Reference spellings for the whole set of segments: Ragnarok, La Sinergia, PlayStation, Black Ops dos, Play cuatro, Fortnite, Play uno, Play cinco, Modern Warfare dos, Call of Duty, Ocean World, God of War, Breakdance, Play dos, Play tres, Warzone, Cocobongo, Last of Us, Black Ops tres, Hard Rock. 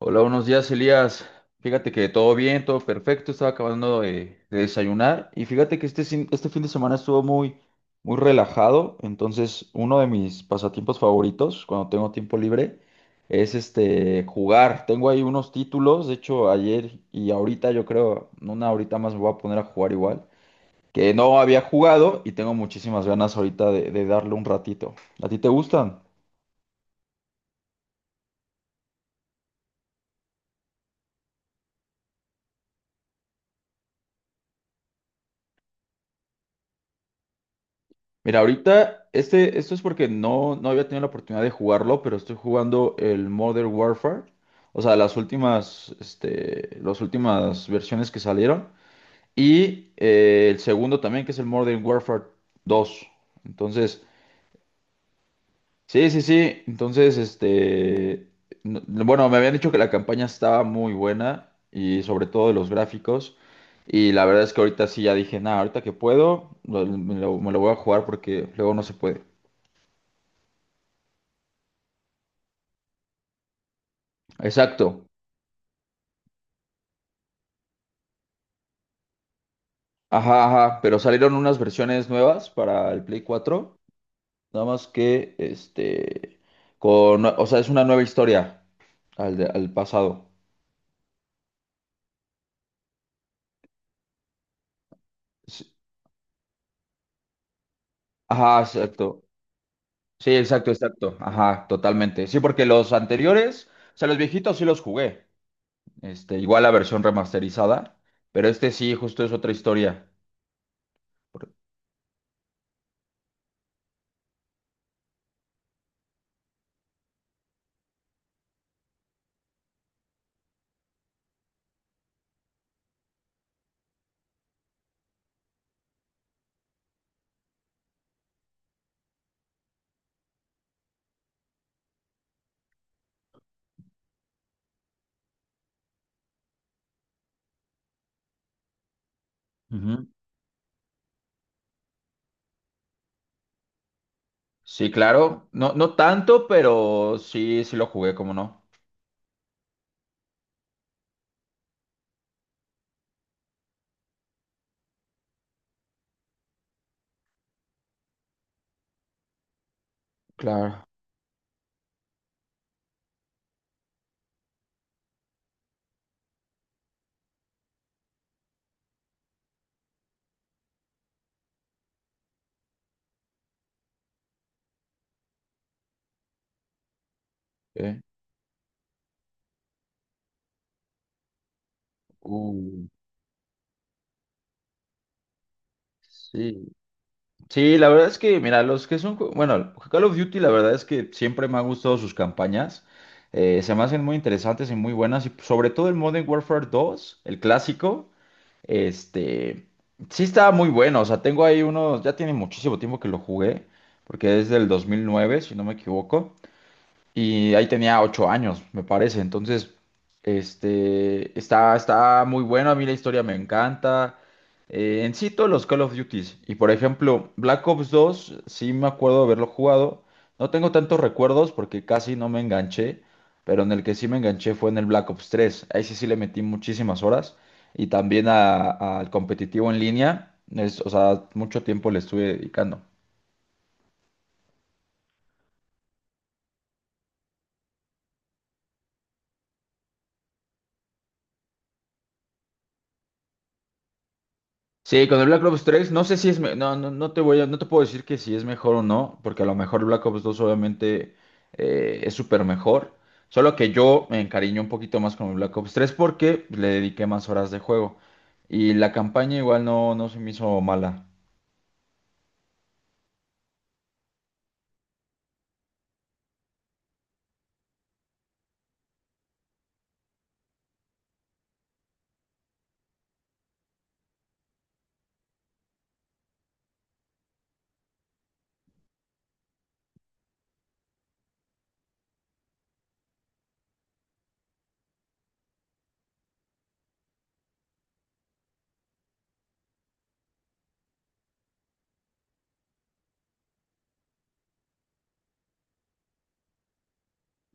Hola, buenos días, Elías. Fíjate que todo bien, todo perfecto. Estaba acabando de desayunar y fíjate que este fin de semana estuvo muy relajado. Entonces, uno de mis pasatiempos favoritos cuando tengo tiempo libre es jugar. Tengo ahí unos títulos. De hecho, ayer y ahorita, yo creo, en una horita más me voy a poner a jugar igual, que no había jugado y tengo muchísimas ganas ahorita de darle un ratito. ¿A ti te gustan? Mira, ahorita, esto es porque no había tenido la oportunidad de jugarlo, pero estoy jugando el Modern Warfare, o sea, las últimas, las últimas versiones que salieron, y el segundo también, que es el Modern Warfare dos. Entonces, sí, entonces, bueno, me habían dicho que la campaña estaba muy buena, y sobre todo de los gráficos, y la verdad es que ahorita sí ya dije, nada, ahorita que puedo, lo- me lo me lo voy a jugar porque luego no se puede. Exacto. Ajá, ajá. Pero salieron unas versiones nuevas para el Play 4. Nada más que, con, o sea, es una nueva historia al pasado. Sí, ajá, exacto. Sí, exacto. Ajá, totalmente. Sí, porque los anteriores, o sea, los viejitos sí los jugué. Igual la versión remasterizada. Pero este sí, justo es otra historia. Por- Ujú. Sí, claro. No, no tanto, pero sí, sí lo jugué, como no. Claro. Ok. Uh, sí. Sí, la verdad es que, mira, los que son, bueno, Call of Duty, la verdad es que siempre me han gustado sus campañas. Se me hacen muy interesantes y muy buenas. Y sobre todo el Modern Warfare dos, el clásico, este, sí está muy bueno. O sea, tengo ahí unos, ya tiene muchísimo tiempo que lo jugué, porque es del 2009, si no me equivoco, y ahí tenía ocho años, me parece. Entonces, está muy bueno, a mí la historia me encanta. En sí, todos los Call of Duties. Y por ejemplo, Black Ops dos sí me acuerdo de haberlo jugado. No tengo tantos recuerdos porque casi no me enganché, pero en el que sí me enganché fue en el Black Ops tres. Ahí sí, sí le metí muchísimas horas. Y también al competitivo en línea, es, o sea, mucho tiempo le estuve dedicando. Sí, con el Black Ops tres no sé si es, no te voy a, no te puedo decir que si es mejor o no, porque a lo mejor el Black Ops dos obviamente es súper mejor, solo que yo me encariñé un poquito más con el Black Ops tres porque le dediqué más horas de juego y la campaña igual no se me hizo mala.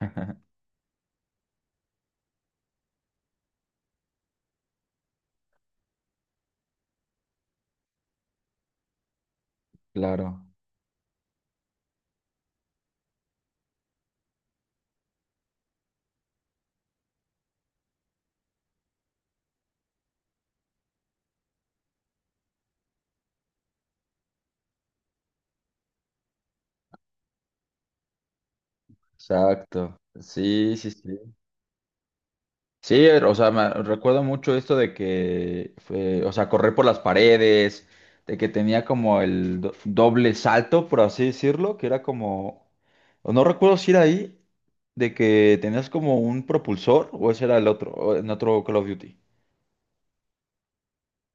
Claro, exacto. Sí, sí, sí. Sí, o sea, me recuerdo mucho esto de que, o sea, correr por las paredes, de que tenía como el doble salto, por así decirlo, que era como, o no recuerdo si era ahí, de que tenías como un propulsor, o ese era el otro, o en otro Call of Duty.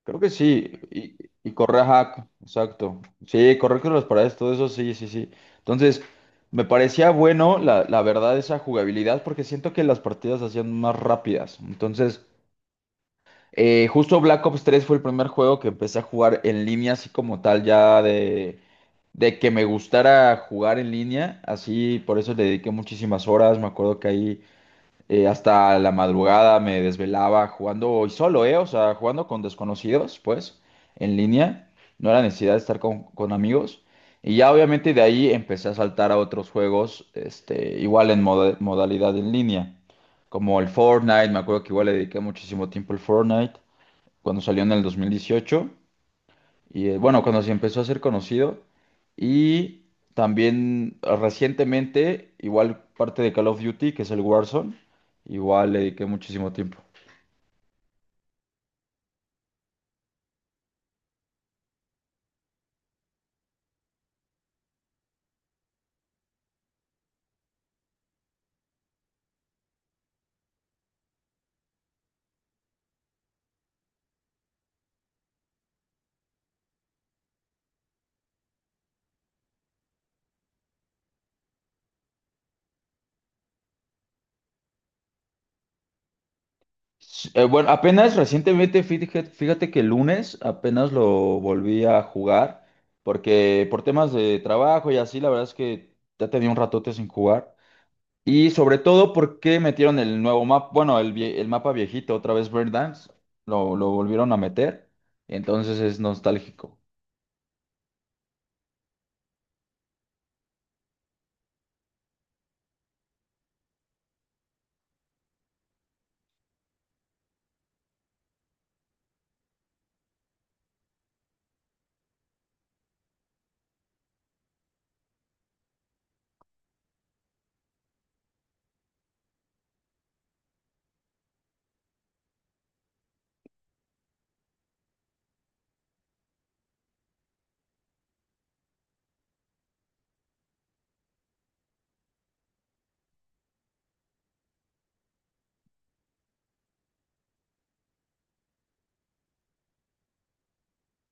Creo que sí, y correr, ajá, exacto. Sí, correr por las paredes, todo eso, sí, sí, sí. Entonces, me parecía bueno, la verdad, esa jugabilidad, porque siento que las partidas se hacían más rápidas. Entonces... Justo Black Ops 3 fue el primer juego que empecé a jugar en línea, así como tal, ya de que me gustara jugar en línea, así por eso le dediqué muchísimas horas, me acuerdo que ahí hasta la madrugada me desvelaba jugando y solo, ¿eh? O sea, jugando con desconocidos, pues, en línea, no era necesidad de estar con amigos. Y ya obviamente de ahí empecé a saltar a otros juegos, igual en modalidad en línea, como el Fortnite, me acuerdo que igual le dediqué muchísimo tiempo al Fortnite cuando salió en el 2018, y bueno, cuando se empezó a ser conocido, y también recientemente, igual parte de Call of Duty, que es el Warzone, igual le dediqué muchísimo tiempo. Bueno, apenas recientemente, fíjate que el lunes apenas lo volví a jugar, porque por temas de trabajo y así, la verdad es que ya tenía un ratote sin jugar. Y sobre todo, ¿por qué metieron el nuevo mapa? Bueno, el mapa viejito, otra vez Breakdance, lo volvieron a meter. Entonces es nostálgico.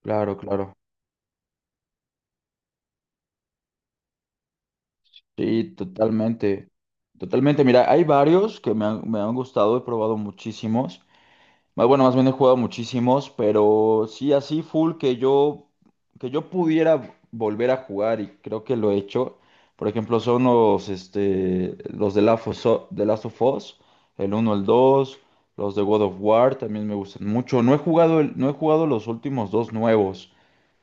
Claro, claro. Sí, totalmente. Totalmente. Mira, hay varios que me me han gustado, he probado muchísimos. Más bueno, más bien he jugado muchísimos, pero sí, así full que yo pudiera volver a jugar y creo que lo he hecho. Por ejemplo, son los, los de Last of Us, de Last of Us, el uno, el dos. Los de God of War también me gustan mucho. No he jugado, no he jugado los últimos dos nuevos,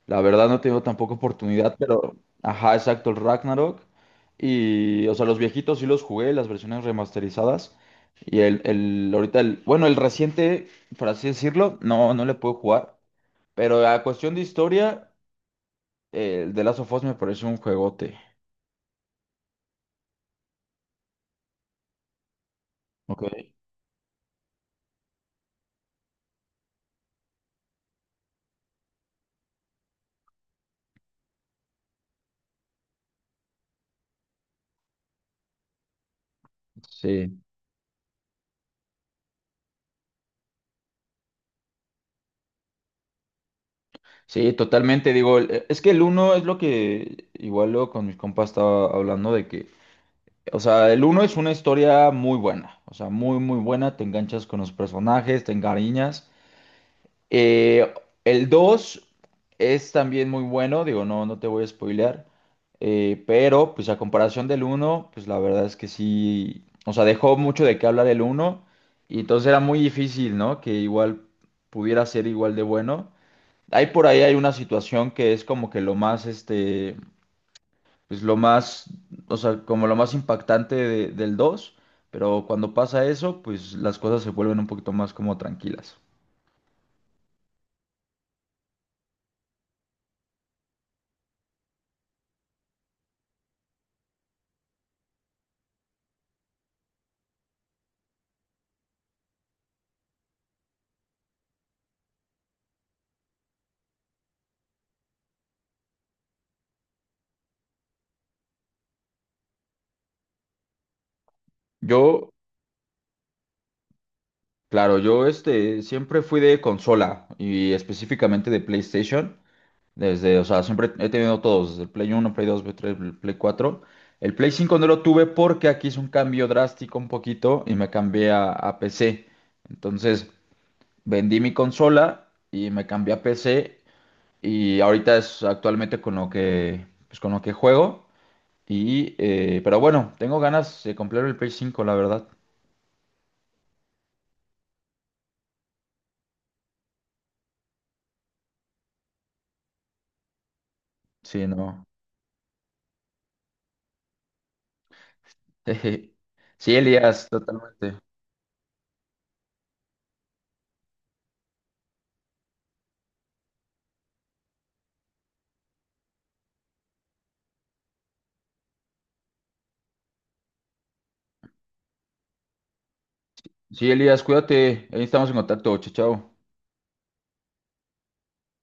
la verdad no he tenido tampoco oportunidad, pero ajá, exacto, el Ragnarok. Y, o sea, los viejitos sí los jugué, las versiones remasterizadas. Ahorita el, bueno, el reciente, por así decirlo, no le puedo jugar. Pero a cuestión de historia, el de Last of Us me parece un juegote. Ok. Sí, sí, totalmente. Digo, es que el uno es lo que igual luego con mis compas estaba hablando de que, o sea, el uno es una historia muy buena, o sea, muy buena, te enganchas con los personajes, te encariñas. Eh, el 2 es también muy bueno, digo, no te voy a spoilear, pero pues a comparación del uno, pues la verdad es que sí, o sea, dejó mucho de qué hablar el uno y entonces era muy difícil, ¿no? Que igual pudiera ser igual de bueno. Hay una situación que es como que lo más, pues lo más, o sea, como lo más impactante del dos, pero cuando pasa eso, pues las cosas se vuelven un poquito más como tranquilas. Yo, claro, yo siempre fui de consola y específicamente de PlayStation, desde, o sea, siempre he tenido todos, desde el Play uno, Play dos, Play tres, Play cuatro. El Play cinco no lo tuve porque aquí hice un cambio drástico un poquito y me cambié a PC. Entonces, vendí mi consola y me cambié a PC. Y ahorita es actualmente con lo que, pues con lo que juego. Y, pero bueno, tengo ganas de comprar el Play 5, la verdad. Sí, no. Sí, Elías, totalmente. Sí, Elías, cuídate. Ahí estamos en contacto. Chao, chao.